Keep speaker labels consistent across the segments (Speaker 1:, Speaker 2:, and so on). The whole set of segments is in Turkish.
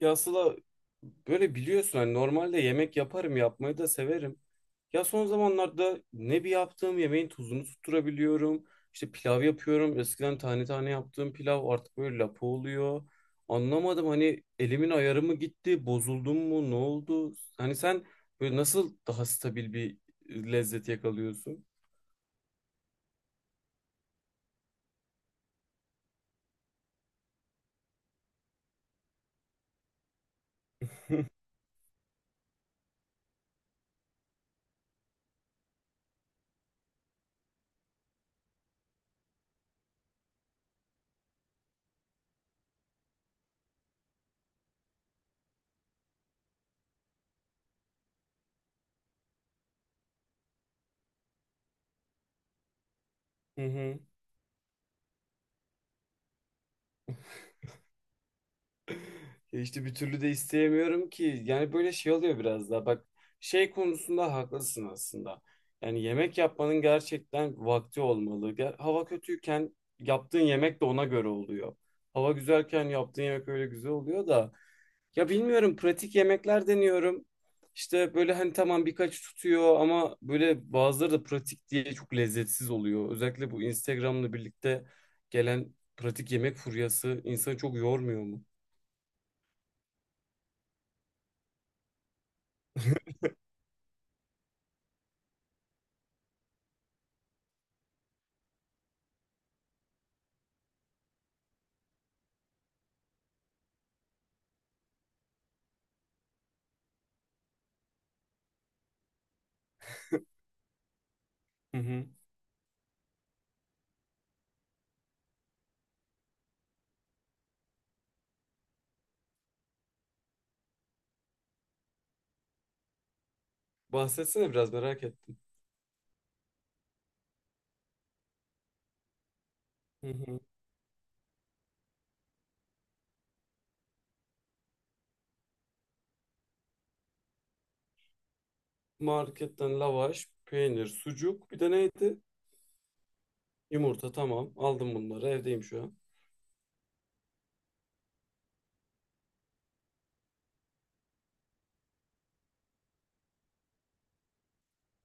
Speaker 1: Ya Sıla, böyle biliyorsun hani normalde yemek yaparım, yapmayı da severim. Ya son zamanlarda ne bir yaptığım yemeğin tuzunu tutturabiliyorum. İşte pilav yapıyorum. Eskiden tane tane yaptığım pilav artık böyle lapa oluyor. Anlamadım, hani elimin ayarı mı gitti, bozuldum mu, ne oldu? Hani sen böyle nasıl daha stabil bir lezzet yakalıyorsun? Hı hı. Ya İşte bir türlü de isteyemiyorum ki. Yani böyle şey oluyor biraz daha. Bak, şey konusunda haklısın aslında. Yani yemek yapmanın gerçekten vakti olmalı. Hava kötüyken yaptığın yemek de ona göre oluyor. Hava güzelken yaptığın yemek öyle güzel oluyor da. Ya bilmiyorum, pratik yemekler deniyorum. İşte böyle hani tamam, birkaç tutuyor ama böyle bazıları da pratik diye çok lezzetsiz oluyor. Özellikle bu Instagram'la birlikte gelen pratik yemek furyası insanı çok yormuyor mu? Bahsetsene, biraz merak ettim. Hı hı. Marketten lavaş, peynir, sucuk. Bir de neydi? Yumurta, tamam. Aldım bunları. Evdeyim şu an.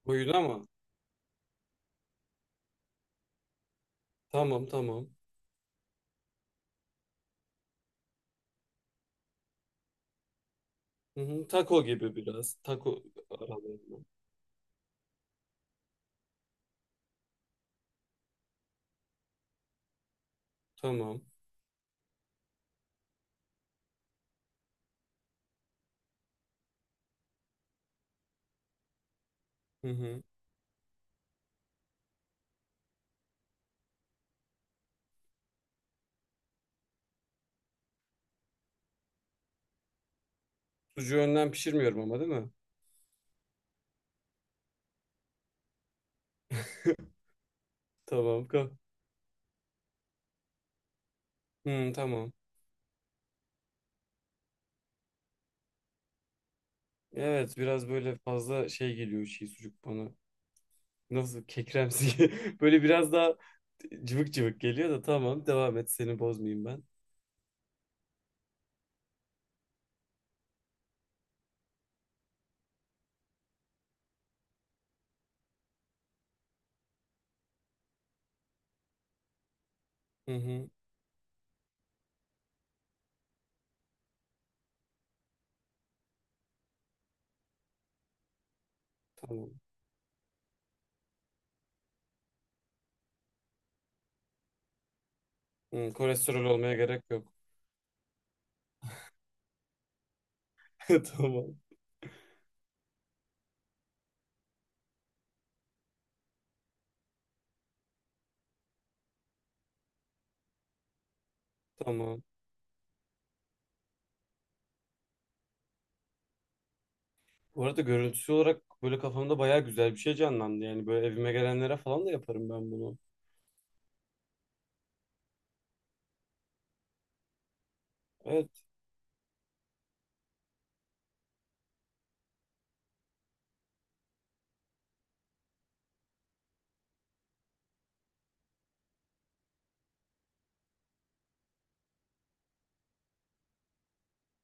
Speaker 1: Oyun ama. Tamam tamam. Hı hı. Taco gibi biraz. Taco aralarında. Tamam. Hı hı. Sucuğu önden pişirmiyorum ama değil mi? Tamam. Hı, tamam. Evet, biraz böyle fazla şey geliyor, şey, sucuk bana. Nasıl, kekremsi. Böyle biraz daha cıvık cıvık geliyor da, tamam. Devam et, seni bozmayayım ben. Hı hı. Tamam. Hmm, kolesterol olmaya gerek yok. Tamam. Tamam. Bu arada görüntüsü olarak böyle kafamda bayağı güzel bir şey canlandı. Yani böyle evime gelenlere falan da yaparım ben bunu. Evet.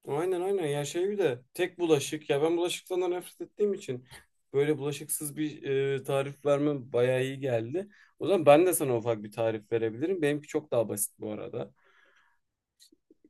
Speaker 1: Aynen aynen. Ya şey, bir de tek bulaşık. Ya ben bulaşıktan da nefret ettiğim için böyle bulaşıksız bir tarif vermem bayağı iyi geldi. O zaman ben de sana ufak bir tarif verebilirim. Benimki çok daha basit bu arada.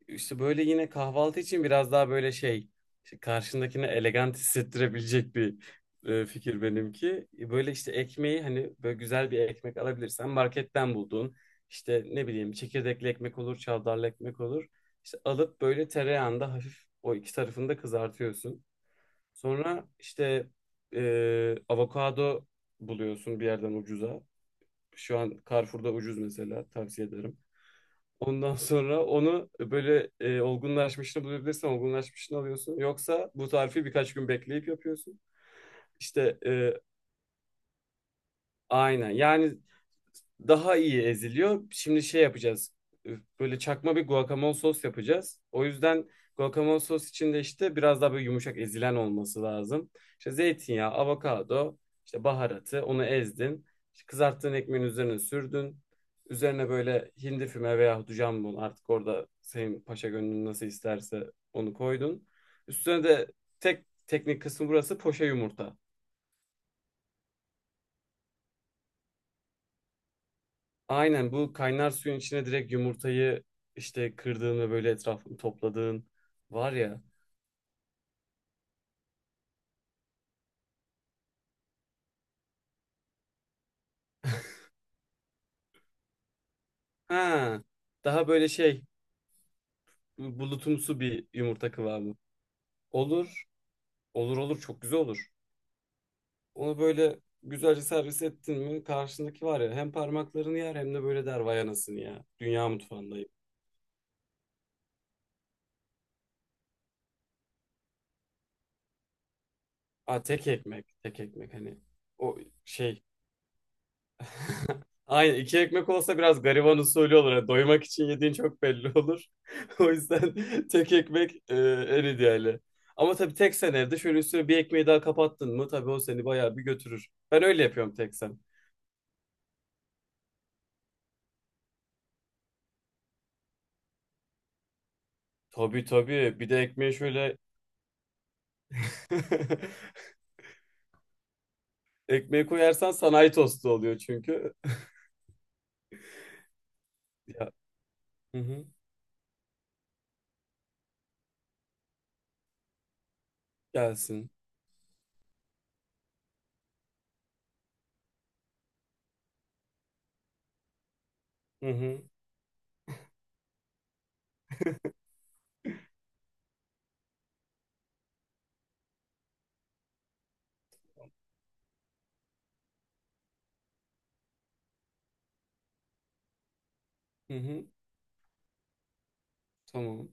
Speaker 1: İşte böyle yine kahvaltı için biraz daha böyle şey, işte karşındakine elegant hissettirebilecek bir fikir benimki. E, böyle işte ekmeği hani böyle güzel bir ekmek alabilirsen marketten bulduğun, işte ne bileyim, çekirdekli ekmek olur, çavdarlı ekmek olur. İşte alıp böyle tereyağında hafif o iki tarafını da kızartıyorsun. Sonra işte avokado buluyorsun bir yerden ucuza. Şu an Carrefour'da ucuz mesela, tavsiye ederim. Ondan sonra onu böyle, olgunlaşmışını bulabilirsen olgunlaşmışını alıyorsun. Yoksa bu tarifi birkaç gün bekleyip yapıyorsun. İşte aynen. Yani daha iyi eziliyor. Şimdi şey yapacağız. Böyle çakma bir guacamole sos yapacağız. O yüzden guacamole sos içinde işte biraz daha böyle yumuşak ezilen olması lazım. İşte zeytinyağı, avokado, işte baharatı, onu ezdin. İşte kızarttığın ekmeğin üzerine sürdün. Üzerine böyle hindi füme veya jambon, artık orada senin paşa gönlün nasıl isterse onu koydun. Üstüne de tek teknik kısmı burası, poşe yumurta. Aynen, bu kaynar suyun içine direkt yumurtayı işte kırdığın ve böyle etrafını topladığın var ya. Ha, daha böyle şey, bulutumsu bir yumurta kıvamı. Olur. Olur olur, çok güzel olur. Onu böyle güzelce servis ettin mi, karşındaki var ya, hem parmaklarını yer hem de böyle der vay anasını ya. Dünya mutfağındayım. Aa, tek ekmek. Tek ekmek hani. O şey. Aynen, iki ekmek olsa biraz gariban usulü olur. Yani doymak için yediğin çok belli olur. O yüzden tek ekmek en ideali. Ama tabii tek sen evde şöyle üstüne bir ekmeği daha kapattın mı, tabii o seni bayağı bir götürür. Ben öyle yapıyorum tek sen. Tabii tabii, bir de ekmeği şöyle ekmeği koyarsan sanayi tostu oluyor çünkü. Ya, hı hı, gelsin. Hı hı, hı hı, tamam.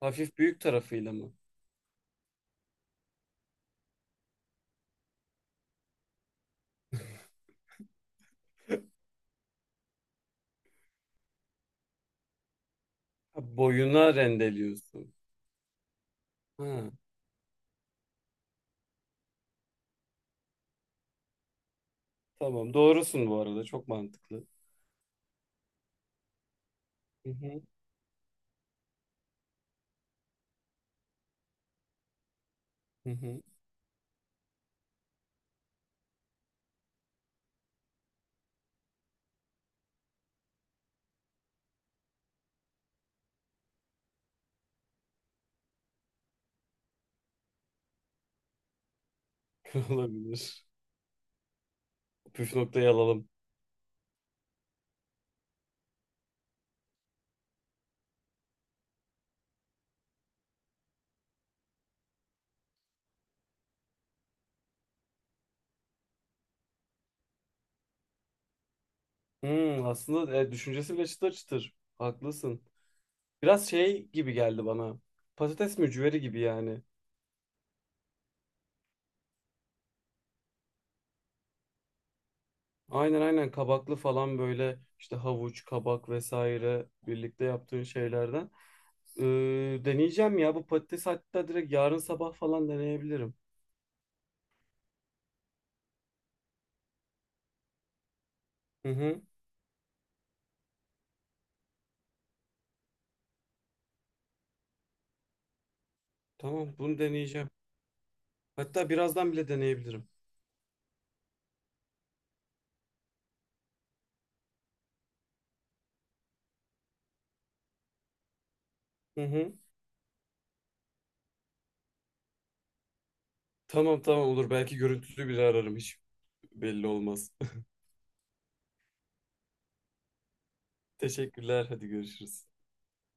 Speaker 1: Hafif büyük tarafıyla mı? Ha, boyuna rendeliyorsun. Ha, tamam, doğrusun bu arada, çok mantıklı. Hı hı, hı hı. Olabilir. Püf noktayı alalım. Hmm, aslında düşüncesi bile çıtır çıtır. Haklısın. Biraz şey gibi geldi bana. Patates mücveri gibi yani. Aynen aynen, kabaklı falan, böyle işte havuç, kabak vesaire birlikte yaptığın şeylerden. Ee, deneyeceğim ya bu patates, hatta direkt yarın sabah falan deneyebilirim. Hı hı. Tamam, bunu deneyeceğim. Hatta birazdan bile deneyebilirim. Hı hı. Tamam tamam, olur. Belki görüntülü bile ararım. Hiç belli olmaz. Teşekkürler. Hadi görüşürüz.